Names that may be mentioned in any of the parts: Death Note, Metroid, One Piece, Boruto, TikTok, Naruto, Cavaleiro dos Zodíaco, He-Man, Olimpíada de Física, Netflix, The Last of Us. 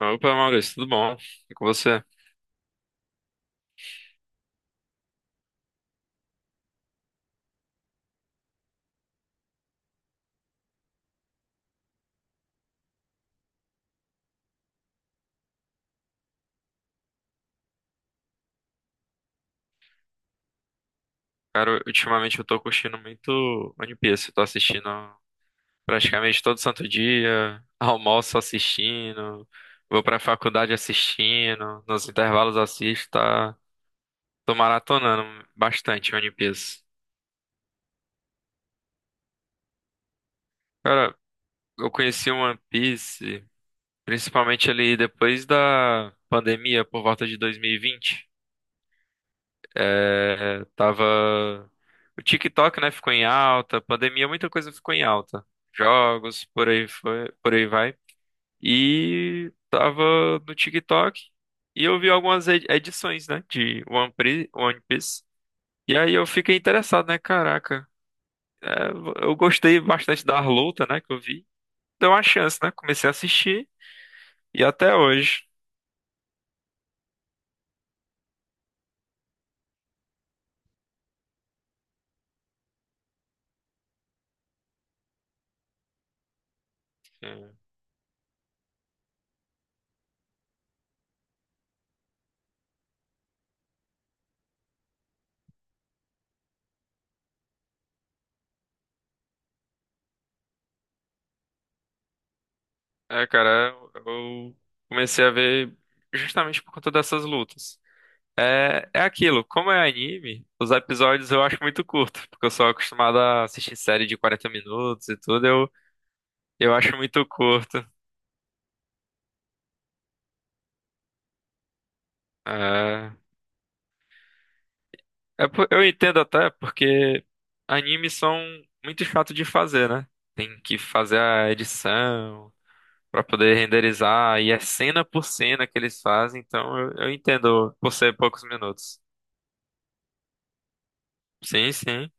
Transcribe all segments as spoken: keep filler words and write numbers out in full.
Opa, Maurício, tudo bom? E com você? Cara, ultimamente eu tô curtindo muito One Piece. Eu tô assistindo praticamente todo santo dia, almoço assistindo, vou pra faculdade assistindo, nos intervalos assisto, tá? Tô maratonando bastante One Piece. Cara, eu conheci o One Piece principalmente ali depois da pandemia, por volta de dois mil e vinte. É, tava. O TikTok, né, ficou em alta, pandemia, muita coisa ficou em alta. Jogos, por aí foi, por aí vai. E tava no TikTok e eu vi algumas edi- edições, né, de One Pri- One Piece. E aí eu fiquei interessado, né, caraca. é, eu gostei bastante da luta, né, que eu vi. Deu uma chance, né? Comecei a assistir e até hoje. É, é, cara, eu comecei a ver justamente por conta dessas lutas. É, é aquilo, como é anime, os episódios eu acho muito curto, porque eu sou acostumado a assistir série de quarenta minutos e tudo, eu, eu acho muito curto. É, é por- eu entendo até porque animes são muito chato de fazer, né? Tem que fazer a edição pra poder renderizar, e é cena por cena que eles fazem, então eu, eu entendo por ser poucos minutos. Sim, sim.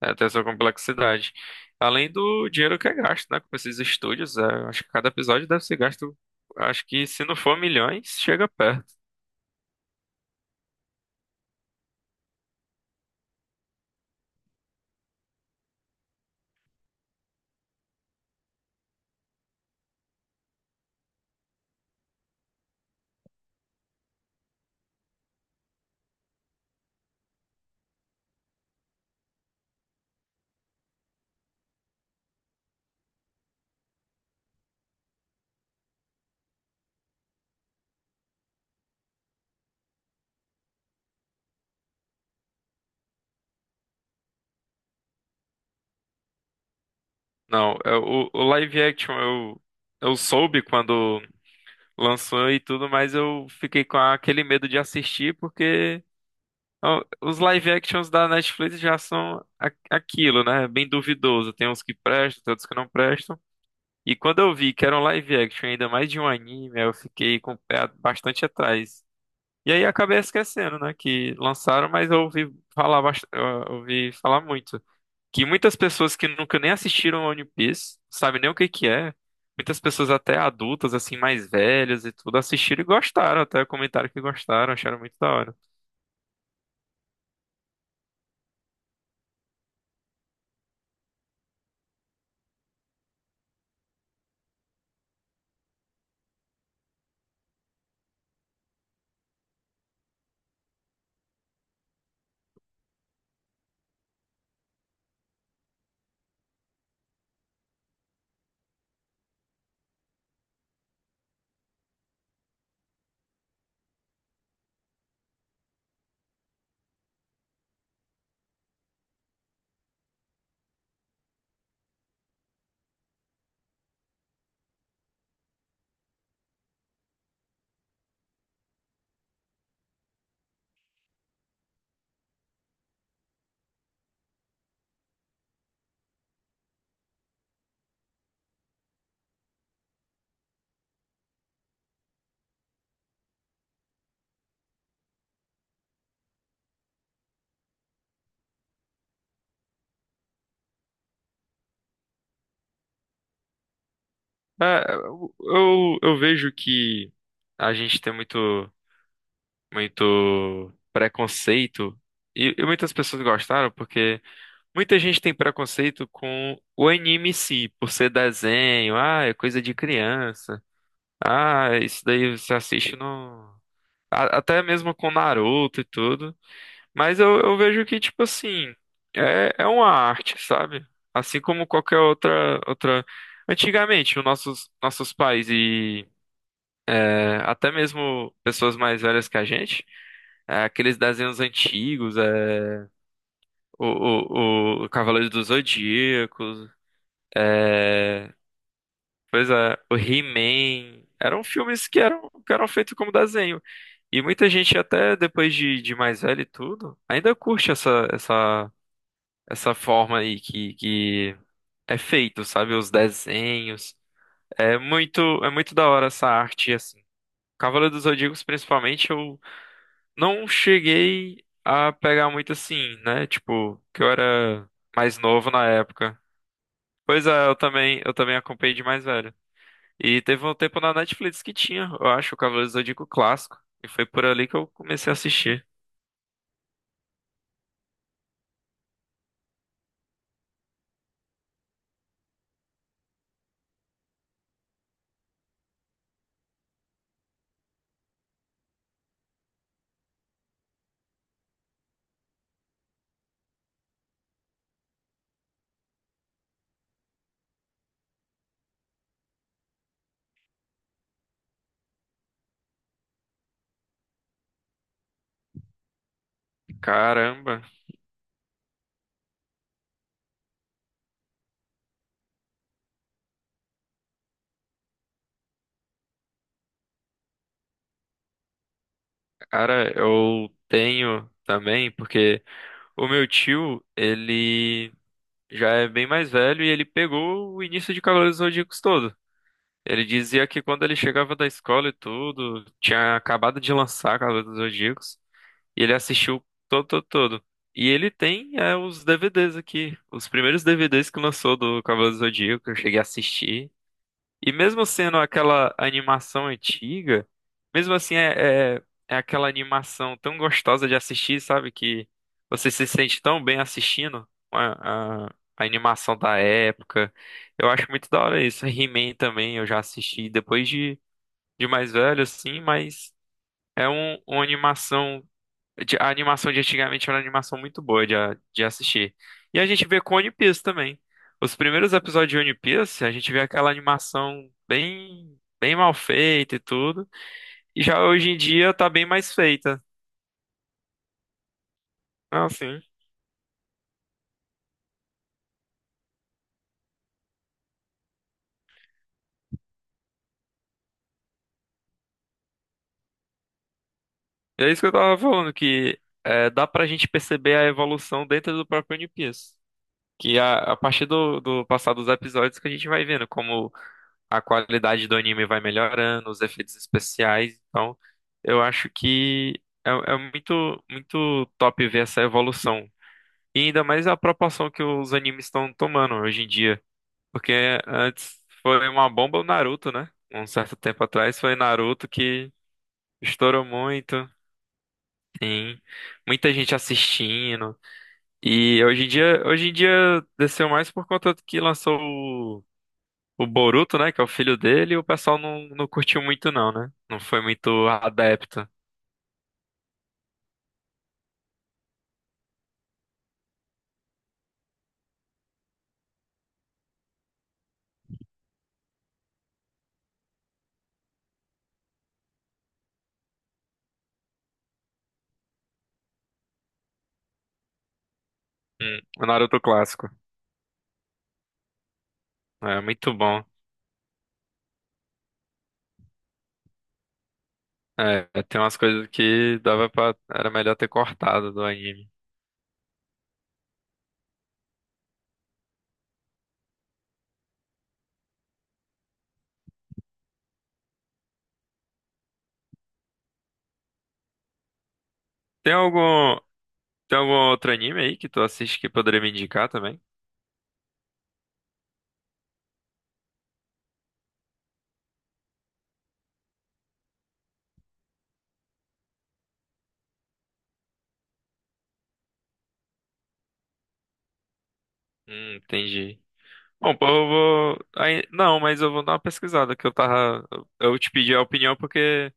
É, tem essa complexidade. Além do dinheiro que é gasto, né? Com esses estúdios, é, acho que cada episódio deve ser gasto. Acho que se não for milhões, chega perto. Não, é, o, o live action eu, eu soube quando lançou e tudo, mas eu fiquei com aquele medo de assistir, porque ó, os live actions da Netflix já são a- aquilo, né? Bem duvidoso. Tem uns que prestam, tem outros que não prestam. E quando eu vi que era um live action, ainda mais de um anime, eu fiquei com o pé bastante atrás. E aí acabei esquecendo, né, que lançaram, mas eu ouvi falar, bast- eu ouvi falar muito. Que muitas pessoas que nunca nem assistiram a One Piece, sabem nem o que que é. Muitas pessoas até adultas, assim, mais velhas e tudo, assistiram e gostaram, até comentaram que gostaram, acharam muito da hora. É, eu, eu eu vejo que a gente tem muito, muito preconceito, e, e muitas pessoas gostaram porque muita gente tem preconceito com o anime em si, por ser desenho, ah, é coisa de criança, ah, isso daí você assiste no. a- Até mesmo com Naruto e tudo. Mas eu, eu vejo que, tipo assim, é, é uma arte, sabe? Assim como qualquer outra, outra. Antigamente, os nossos, nossos pais e é, até mesmo pessoas mais velhas que a gente, é, aqueles desenhos antigos, é, o, o, o Cavaleiro dos Zodíaco. É, pois é, o He-Man. Eram filmes que eram, que eram feitos como desenho. E muita gente, até depois de, de mais velho e tudo, ainda curte essa, essa, essa forma aí que, que é feito, sabe? Os desenhos. É muito, é muito da hora essa arte, assim. Cavaleiro dos Zodíacos, principalmente, eu não cheguei a pegar muito assim, né? Tipo, que eu era mais novo na época. Pois é, eu também, eu também acompanhei de mais velho. E teve um tempo na Netflix que tinha, eu acho, o Cavaleiro do Zodíaco clássico. E foi por ali que eu comecei a assistir. Caramba, cara, eu tenho também, porque o meu tio, ele já é bem mais velho e ele pegou o início de Cavaleiros do Zodíaco todo. Ele dizia que quando ele chegava da escola e tudo, tinha acabado de lançar Cavaleiros do Zodíaco e ele assistiu todo, todo, todo. E ele tem é, os D V Dês aqui, os primeiros D V Dês que lançou do Cavaleiro do Zodíaco, eu cheguei a assistir. E mesmo sendo aquela animação antiga, mesmo assim é, é, é aquela animação tão gostosa de assistir, sabe? Que você se sente tão bem assistindo a, a, a animação da época. Eu acho muito da hora isso. He-Man também eu já assisti depois de, de mais velho, assim, mas é um, uma animação de- a animação de antigamente era uma animação muito boa de, a- de assistir. E a gente vê com One Piece também. Os primeiros episódios de One Piece, a gente vê aquela animação bem, bem mal feita e tudo. E já hoje em dia tá bem mais feita. Ah, sim. É isso que eu tava falando, que é, dá pra gente perceber a evolução dentro do próprio One Piece. Que a, a partir do, do passar dos episódios que a gente vai vendo como a qualidade do anime vai melhorando, os efeitos especiais. Então, eu acho que é, é muito, muito top ver essa evolução. E ainda mais a proporção que os animes estão tomando hoje em dia. Porque antes foi uma bomba o Naruto, né? Um certo tempo atrás foi Naruto que estourou muito. Sim, muita gente assistindo. E hoje em dia, hoje em dia desceu mais por conta do que lançou o, o Boruto, né? Que é o filho dele, e o pessoal não, não curtiu muito, não, né? Não foi muito adepto. Hum, o Naruto clássico. É muito bom. É, tem umas coisas que dava pra. Era melhor ter cortado do anime. Tem algum. Tem algum outro anime aí que tu assiste que poderia me indicar também? Hum, entendi. Bom, pô, eu vou. aí- não, mas eu vou dar uma pesquisada que eu tava. Eu te pedi a opinião porque.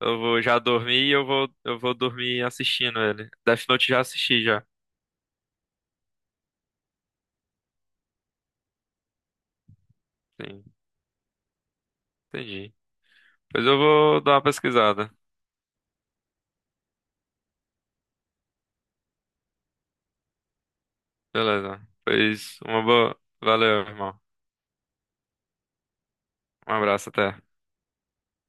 Eu vou já dormir e eu vou, eu vou dormir assistindo ele. Death Note já assisti já. Sim, entendi. Pois eu vou dar uma pesquisada. Beleza. Pois uma boa. Valeu, irmão. Um abraço, até.